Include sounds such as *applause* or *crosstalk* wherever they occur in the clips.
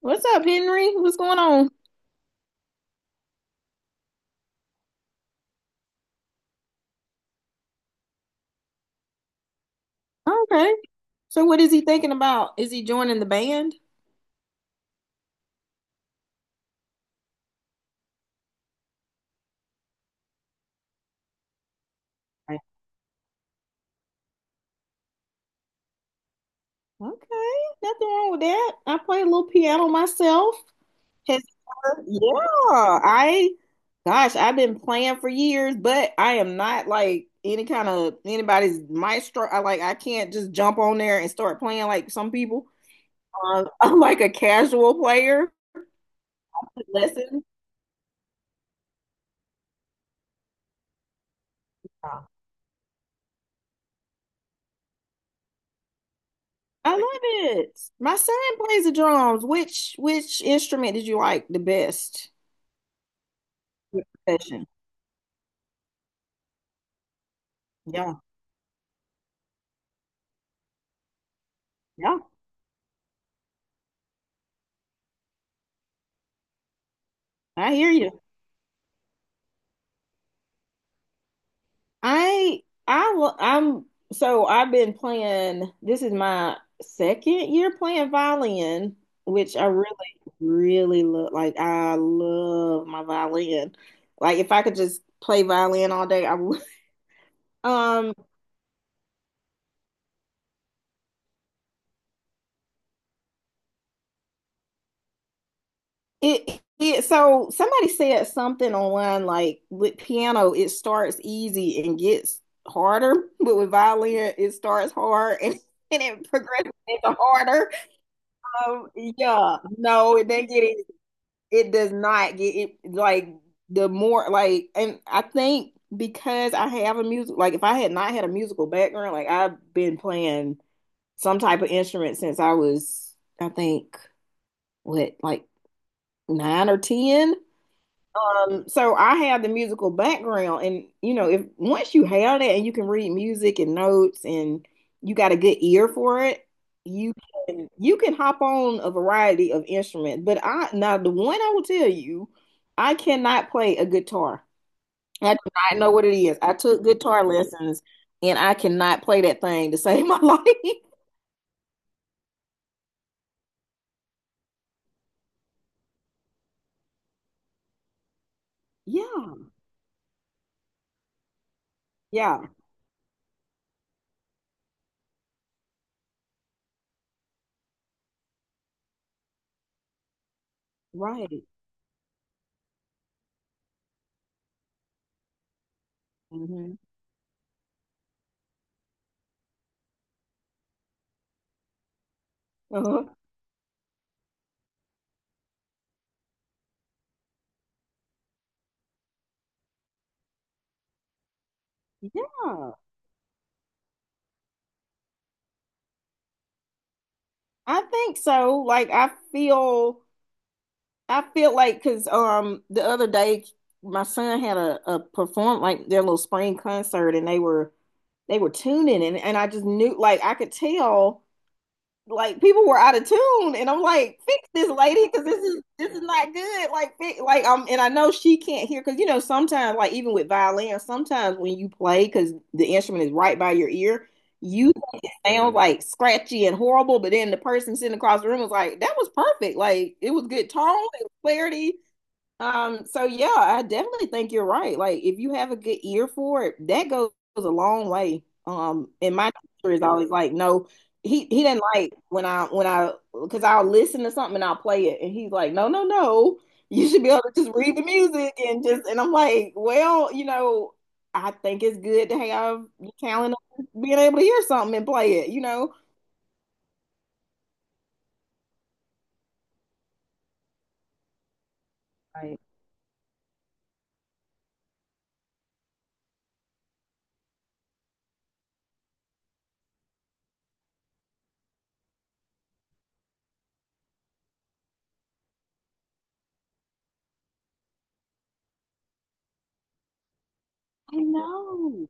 What's up, Henry? What's going on? Okay. So what is he thinking about? Is he joining the band? Right. Okay, nothing wrong with that. I play a little piano myself. Has Yeah, I gosh, I've been playing for years, but I am not like any kind of anybody's maestro. I can't just jump on there and start playing like some people. *laughs* I'm like a casual player. Lessons. I love it. My son plays the drums. Which instrument did you like the best? Your profession. Yeah, yeah. I hear you. I lo- I'm so I've been playing. This is my second year playing violin, which I really love. Like I love my violin. Like if I could just play violin all day, I would. *laughs* Um, it so somebody said something online, like with piano it starts easy and gets harder, but with violin it starts hard *laughs* and it progresses into harder. Yeah, no, it doesn't get it. It does not get it, like the more like, and I think because I have a music, like if I had not had a musical background, like I've been playing some type of instrument since I was, I think, what, like nine or ten. So I have the musical background, and you know, if once you have that and you can read music and notes, and you got a good ear for it, you you can hop on a variety of instruments. But I, now the one I will tell you, I cannot play a guitar. I do not know what it is. I took guitar lessons, and I cannot play that thing to save my *laughs* life. Yeah, yeah, right. Hmm. Uh-huh. Yeah, I think so. Like I feel. I feel like, because the other day my son had a perform, like their little spring concert, and they were tuning, and I just knew, like I could tell like people were out of tune, and I'm like, fix this, lady, because this is not good, like fix, and I know she can't hear, because, you know, sometimes, like even with violin, sometimes when you play, because the instrument is right by your ear, you sound like scratchy and horrible, but then the person sitting across the room was like, that was perfect, like it was good tone and clarity. So yeah, I definitely think you're right. Like if you have a good ear for it, that goes a long way. And my teacher is always like, no, he didn't like when I because I'll listen to something and I'll play it, and he's like, no, no, no, you should be able to just read the music and just, and I'm like, well, you know, I think it's good to have your talent of being able to hear something and play it. Right. I know.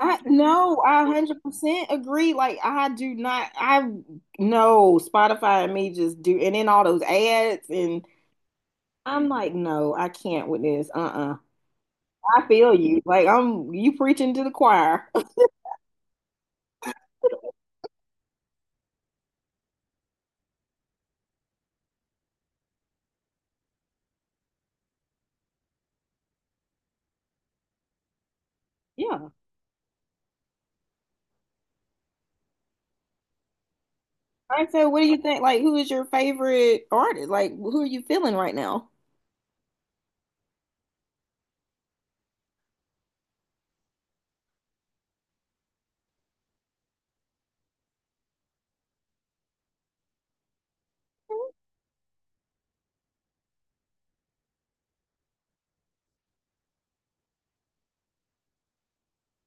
I No, I 100% agree. Like I do not. I No, Spotify and me just do, and then all those ads, and I'm like, no, I can't with this. Uh-uh. I feel you. Like, I'm, you preaching to the choir. *laughs* Yeah. I So what do you think? Like who is your favorite artist? Like who are you feeling right now?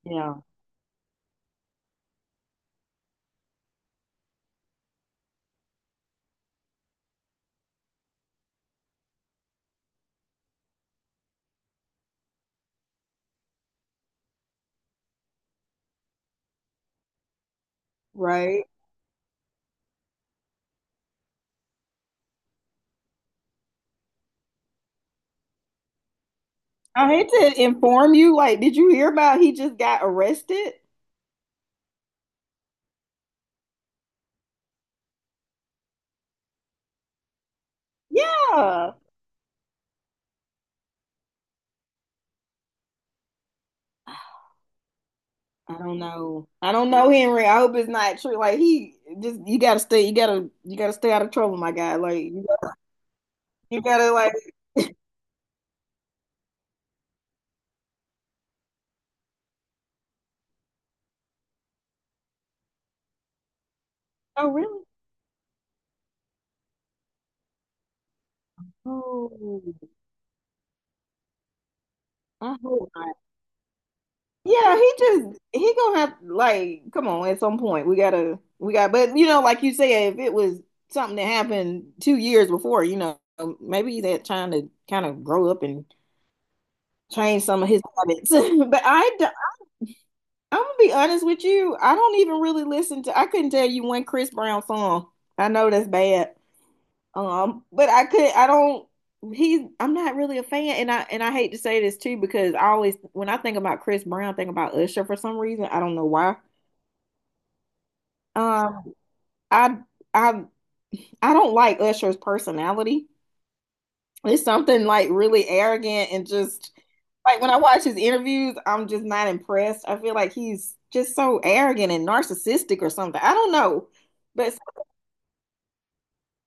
Yeah. Right. I hate to inform you, like, did you hear about, he just got arrested? Yeah. I don't know. I don't know, Henry. I hope it's not true. Like he just you gotta stay out of trouble, my guy. Like you gotta like Oh really? Oh, I hope not. Yeah, he gonna have, like, come on at some point. We gotta we got but, you know, like you said, if it was something that happened 2 years before, you know, maybe he's trying to kind of grow up and change some of his habits. *laughs* I'm gonna be honest with you. I don't even really listen to. I couldn't tell you one Chris Brown song. I know that's bad. But I could. I don't. He's. I'm not really a fan, and I hate to say this too, because I always, when I think about Chris Brown, I think about Usher for some reason. I don't know why. Um, I I I don't like Usher's personality. It's something, like, really arrogant and just, like when I watch his interviews, I'm just not impressed. I feel like he's just so arrogant and narcissistic or something. I don't know. But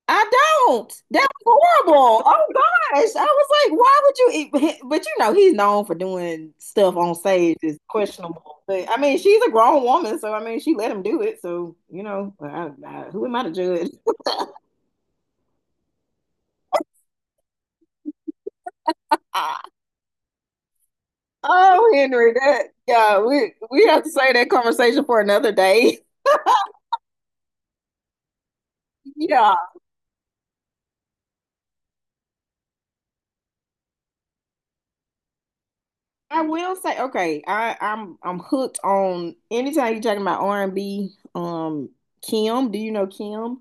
I don't. That was horrible. Oh gosh. I was like, why would you eat? But, you know, he's known for doing stuff on stage is questionable. But I mean, she's a grown woman, so I mean, she let him do it. So, you know, I, who am I to judge? *laughs* Oh, Henry, that yeah, we have to save that conversation for another day. *laughs* Yeah, I will say, okay. I'm hooked on anytime you're talking about R and B. Kim, do you know Kim?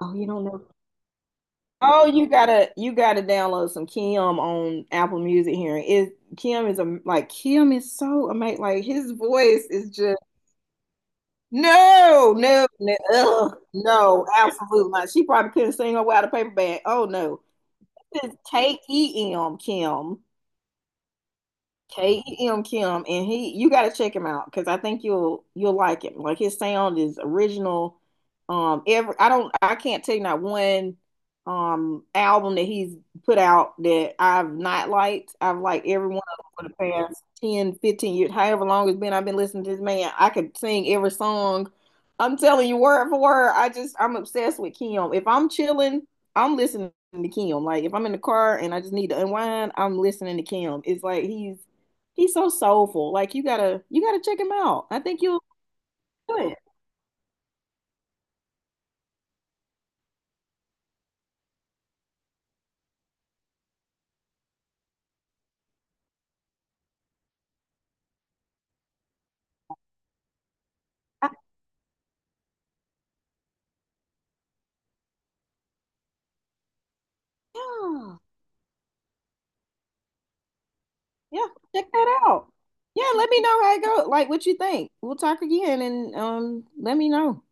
Oh, you don't know. Oh, you gotta download some Kim on Apple Music here. It Kim is a like Kim is so amazing. Like his voice is just no, no, no, ugh, no, absolutely not. She probably couldn't sing her way out of paper bag. Oh no, it's KEM, Kim. KEM, Kim, and he you got to check him out, because I think you'll like him. Like his sound is original. Every I don't I can't tell you not one album that he's put out that I've not liked. I've liked every one of them for the past 10, 15 years, however long it's been. I've been listening to this man. I could sing every song. I'm telling you, word for word. I'm obsessed with Kim. If I'm chilling, I'm listening to Kim. Like if I'm in the car and I just need to unwind, I'm listening to Kim. It's like he's so soulful. Like you gotta check him out. I think you'll do it. I- yeah, yeah. Check that out. Yeah, let me know how it goes. Like what you think. We'll talk again, and let me know.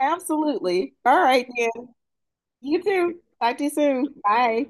Absolutely. All right then. You too. Talk to you soon. Bye.